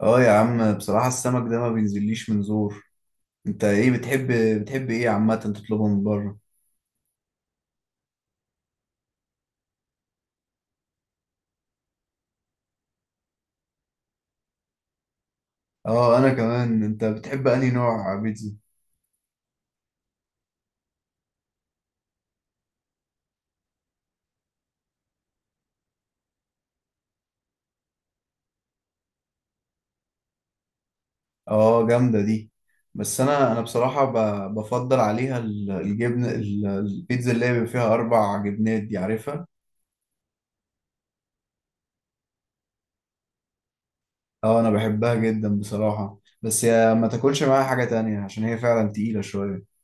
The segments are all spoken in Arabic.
اه، يا عم، بصراحة السمك ده ما بينزليش من زور. انت ايه بتحب بتحب ايه عامة تطلبه من بره؟ اه، انا كمان. انت بتحب انهي نوع بيتزا؟ اه، جامدة دي. بس انا بصراحة بفضل عليها البيتزا اللي هي بيبقى فيها اربع جبنات دي، عارفها. اه، انا بحبها جدا بصراحة، بس يا ما تاكلش معاها حاجة تانية عشان هي فعلا تقيلة شوية.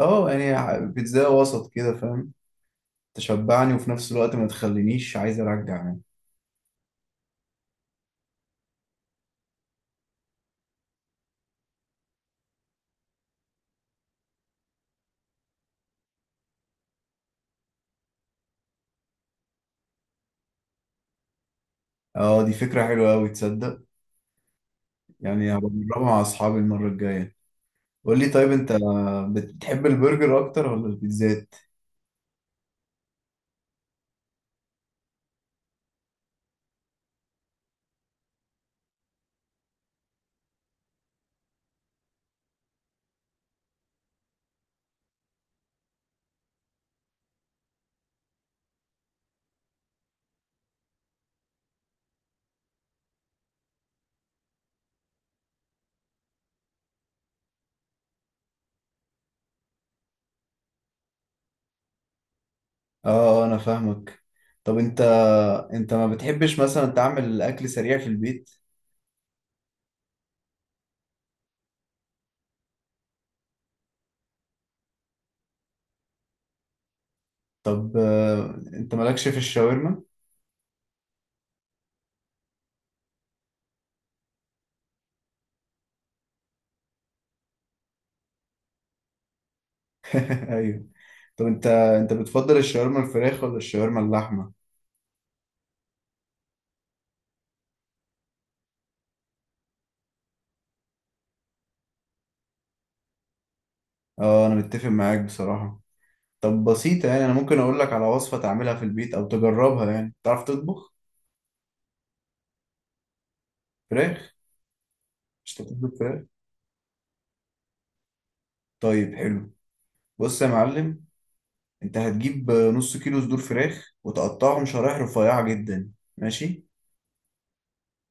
اه، يعني بيتزا وسط كده، فاهم؟ تشبعني وفي نفس الوقت ما تخلينيش عايز ارجع يعني. اه، دي فكرة حلوة أوي، تصدق؟ يعني هبجربها مع أصحابي المرة الجاية. قول لي، طيب أنت، بتحب البرجر أكتر ولا البيتزات؟ اه، أنا فاهمك. طب أنت ما بتحبش مثلا تعمل الأكل سريع في البيت؟ طب أنت مالكش في الشاورما؟ أيوه. طب أنت بتفضل الشاورما الفراخ ولا الشاورما اللحمة؟ اه، أنا متفق معاك بصراحة. طب بسيطة، يعني أنا ممكن أقول لك على وصفة تعملها في البيت أو تجربها. يعني تعرف تطبخ فراخ؟ مش هتطبخ فراخ؟ طيب حلو. بص يا معلم، انت هتجيب نص كيلو صدور فراخ وتقطعهم شرايح رفيعة جدا. ماشي.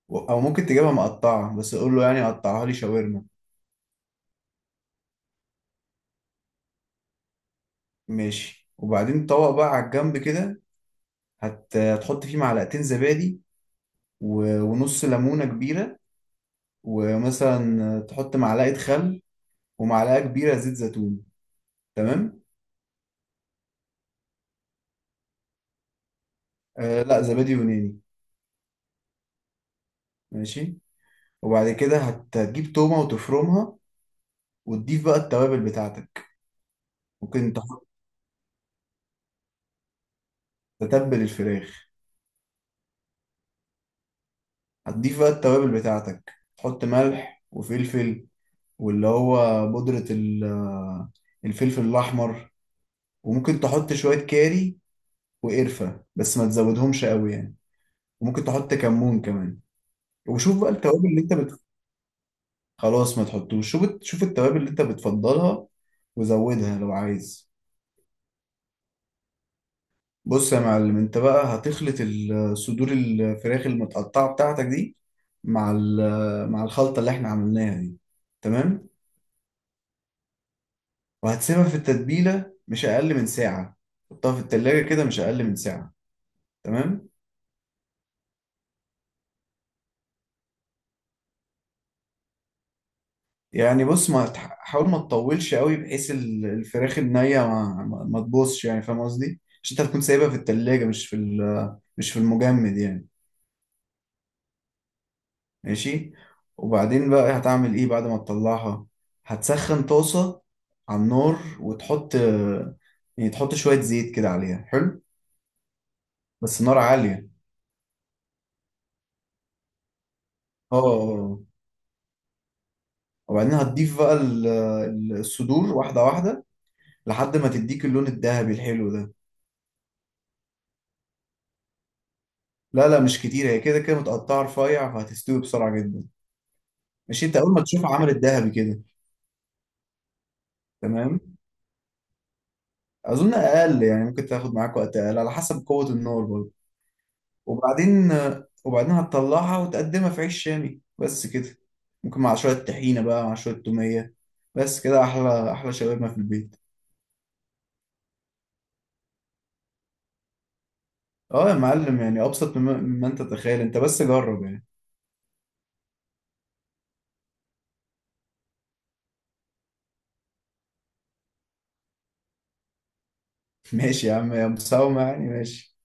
او ممكن تجيبها مقطعة، بس قول له يعني قطعها لي شاورما. ماشي. وبعدين طبق بقى على الجنب كده. هتحط فيه معلقتين زبادي، ونص ليمونة كبيرة، ومثلا تحط معلقة خل ومعلقة كبيرة زيت زيتون. تمام. لا، زبادي يوناني. ماشي. وبعد كده هتجيب تومة وتفرمها، وتضيف بقى التوابل بتاعتك. ممكن تحط، تتبل الفراخ. هتضيف بقى التوابل بتاعتك، تحط ملح وفلفل، واللي هو بودرة الفلفل الأحمر، وممكن تحط شوية كاري وقرفة، بس ما تزودهمش قوي يعني، وممكن تحط كمون كمان. وشوف بقى التوابل اللي انت خلاص، ما تحطوش. شوف شوف التوابل اللي انت بتفضلها، وزودها لو عايز. بص يا معلم، انت بقى هتخلط صدور الفراخ المتقطعة بتاعتك دي مع مع الخلطة اللي احنا عملناها دي. تمام. وهتسيبها في التتبيلة مش أقل من ساعة، حطها في التلاجة كده مش أقل من ساعة. تمام. يعني بص، ما تح- حاول ما تطولش قوي، بحيث الفراخ النية ما تبوظش يعني. فاهم قصدي؟ عشان انت هتكون سايبها في التلاجة، مش في المجمد يعني. ماشي. وبعدين بقى هتعمل ايه بعد ما تطلعها؟ هتسخن طاسة على النار وتحط، يعني تحط شوية زيت كده عليها، حلو. بس النار عالية. اه، وبعدين هتضيف بقى الصدور واحدة واحدة، لحد ما تديك اللون الذهبي الحلو ده. لا لا، مش كتير، هي كده كده متقطعة رفيع، فهتستوي بسرعة جدا. مش انت اول ما تشوفها عملت ذهبي كده. تمام. اظن اقل، يعني ممكن تاخد معاك وقت اقل على حسب قوة النار برضه. وبعدين وبعدين هتطلعها وتقدمها في عيش شامي، بس كده. ممكن مع شوية طحينة بقى، مع شوية تومية. بس كده احلى احلى شاورما في البيت. اه يا معلم، يعني ابسط مما انت تتخيل. انت بس جرب يعني. ماشي يا عم يا مساومة، يعني ماشي.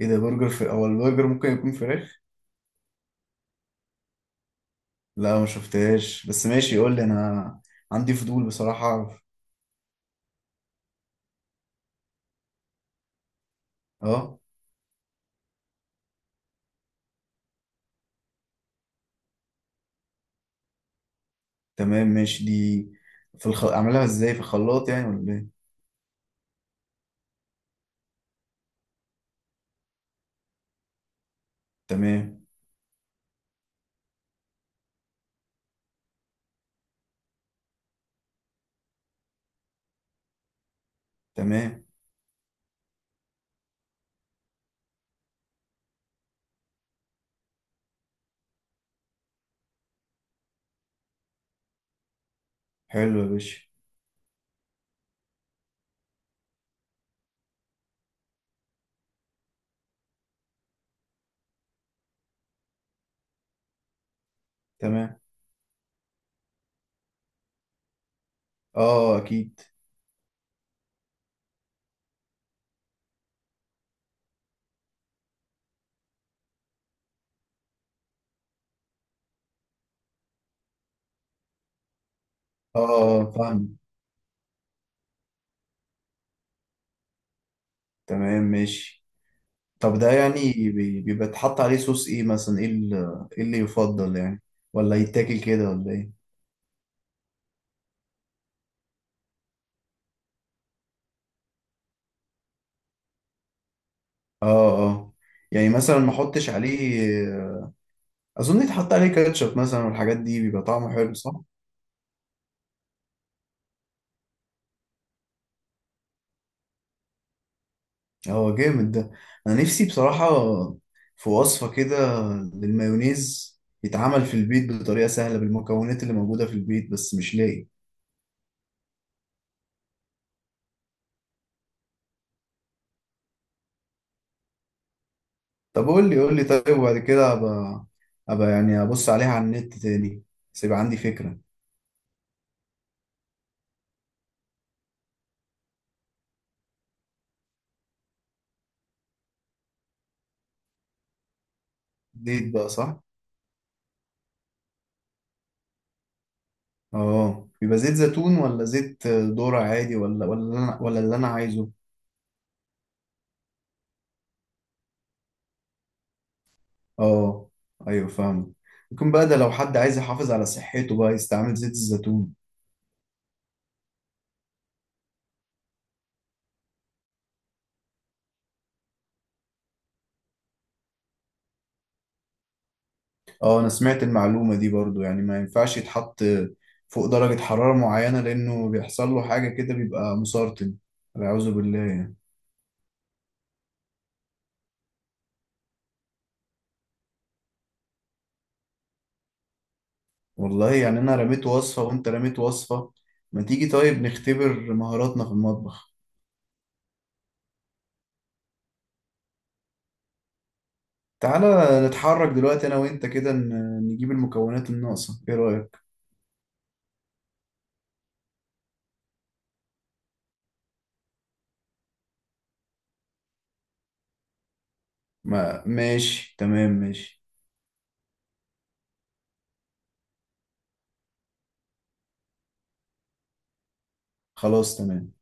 ايه ده، برجر؟ في، هو البرجر ممكن يكون فراخ؟ لا، ما شفتهاش. بس ماشي، قول لي انا، عندي فضول بصراحة اعرف. اه. تمام ماشي، دي اعملها ازاي، في الخلاط يعني ولا ايه؟ تمام. تمام. حلو يا باشا. تمام. اه، اكيد. اه، فاهم. تمام ماشي. طب ده يعني بيبقى اتحط عليه صوص ايه مثلا؟ إيه اللي يفضل يعني؟ ولا يتاكل كده ولا ايه؟ اه، اه، يعني مثلا ما احطش عليه. اظن يتحط عليه كاتشب مثلا، والحاجات دي بيبقى طعمه حلو، صح؟ هو جامد ده. انا نفسي بصراحة في وصفة كده للمايونيز، يتعمل في البيت بطريقة سهلة بالمكونات اللي موجودة في البيت، بس مش لاقي. طب قول لي، قول لي، طيب وبعد كده ابقى، ابقى يعني ابص عليها على النت تاني، بس يبقى عندي فكرة. زيت بقى، صح؟ اه، بيبقى زيت زيتون ولا زيت ذرة عادي، ولا اللي انا عايزه؟ اه، ايوه، فاهم. ممكن بقى ده، لو حد عايز يحافظ على صحته بقى يستعمل زيت الزيتون. اه، انا سمعت المعلومة دي برضو، يعني ما ينفعش يتحط فوق درجة حرارة معينة، لانه بيحصل له حاجة كده، بيبقى مسرطن، والعياذ بالله يعني. والله، يعني انا رميت وصفة وانت رميت وصفة، ما تيجي طيب نختبر مهاراتنا في المطبخ. تعالى نتحرك دلوقتي انا وانت كده، نجيب المكونات الناقصة، ايه رأيك؟ ما ماشي، تمام ماشي. خلاص تمام.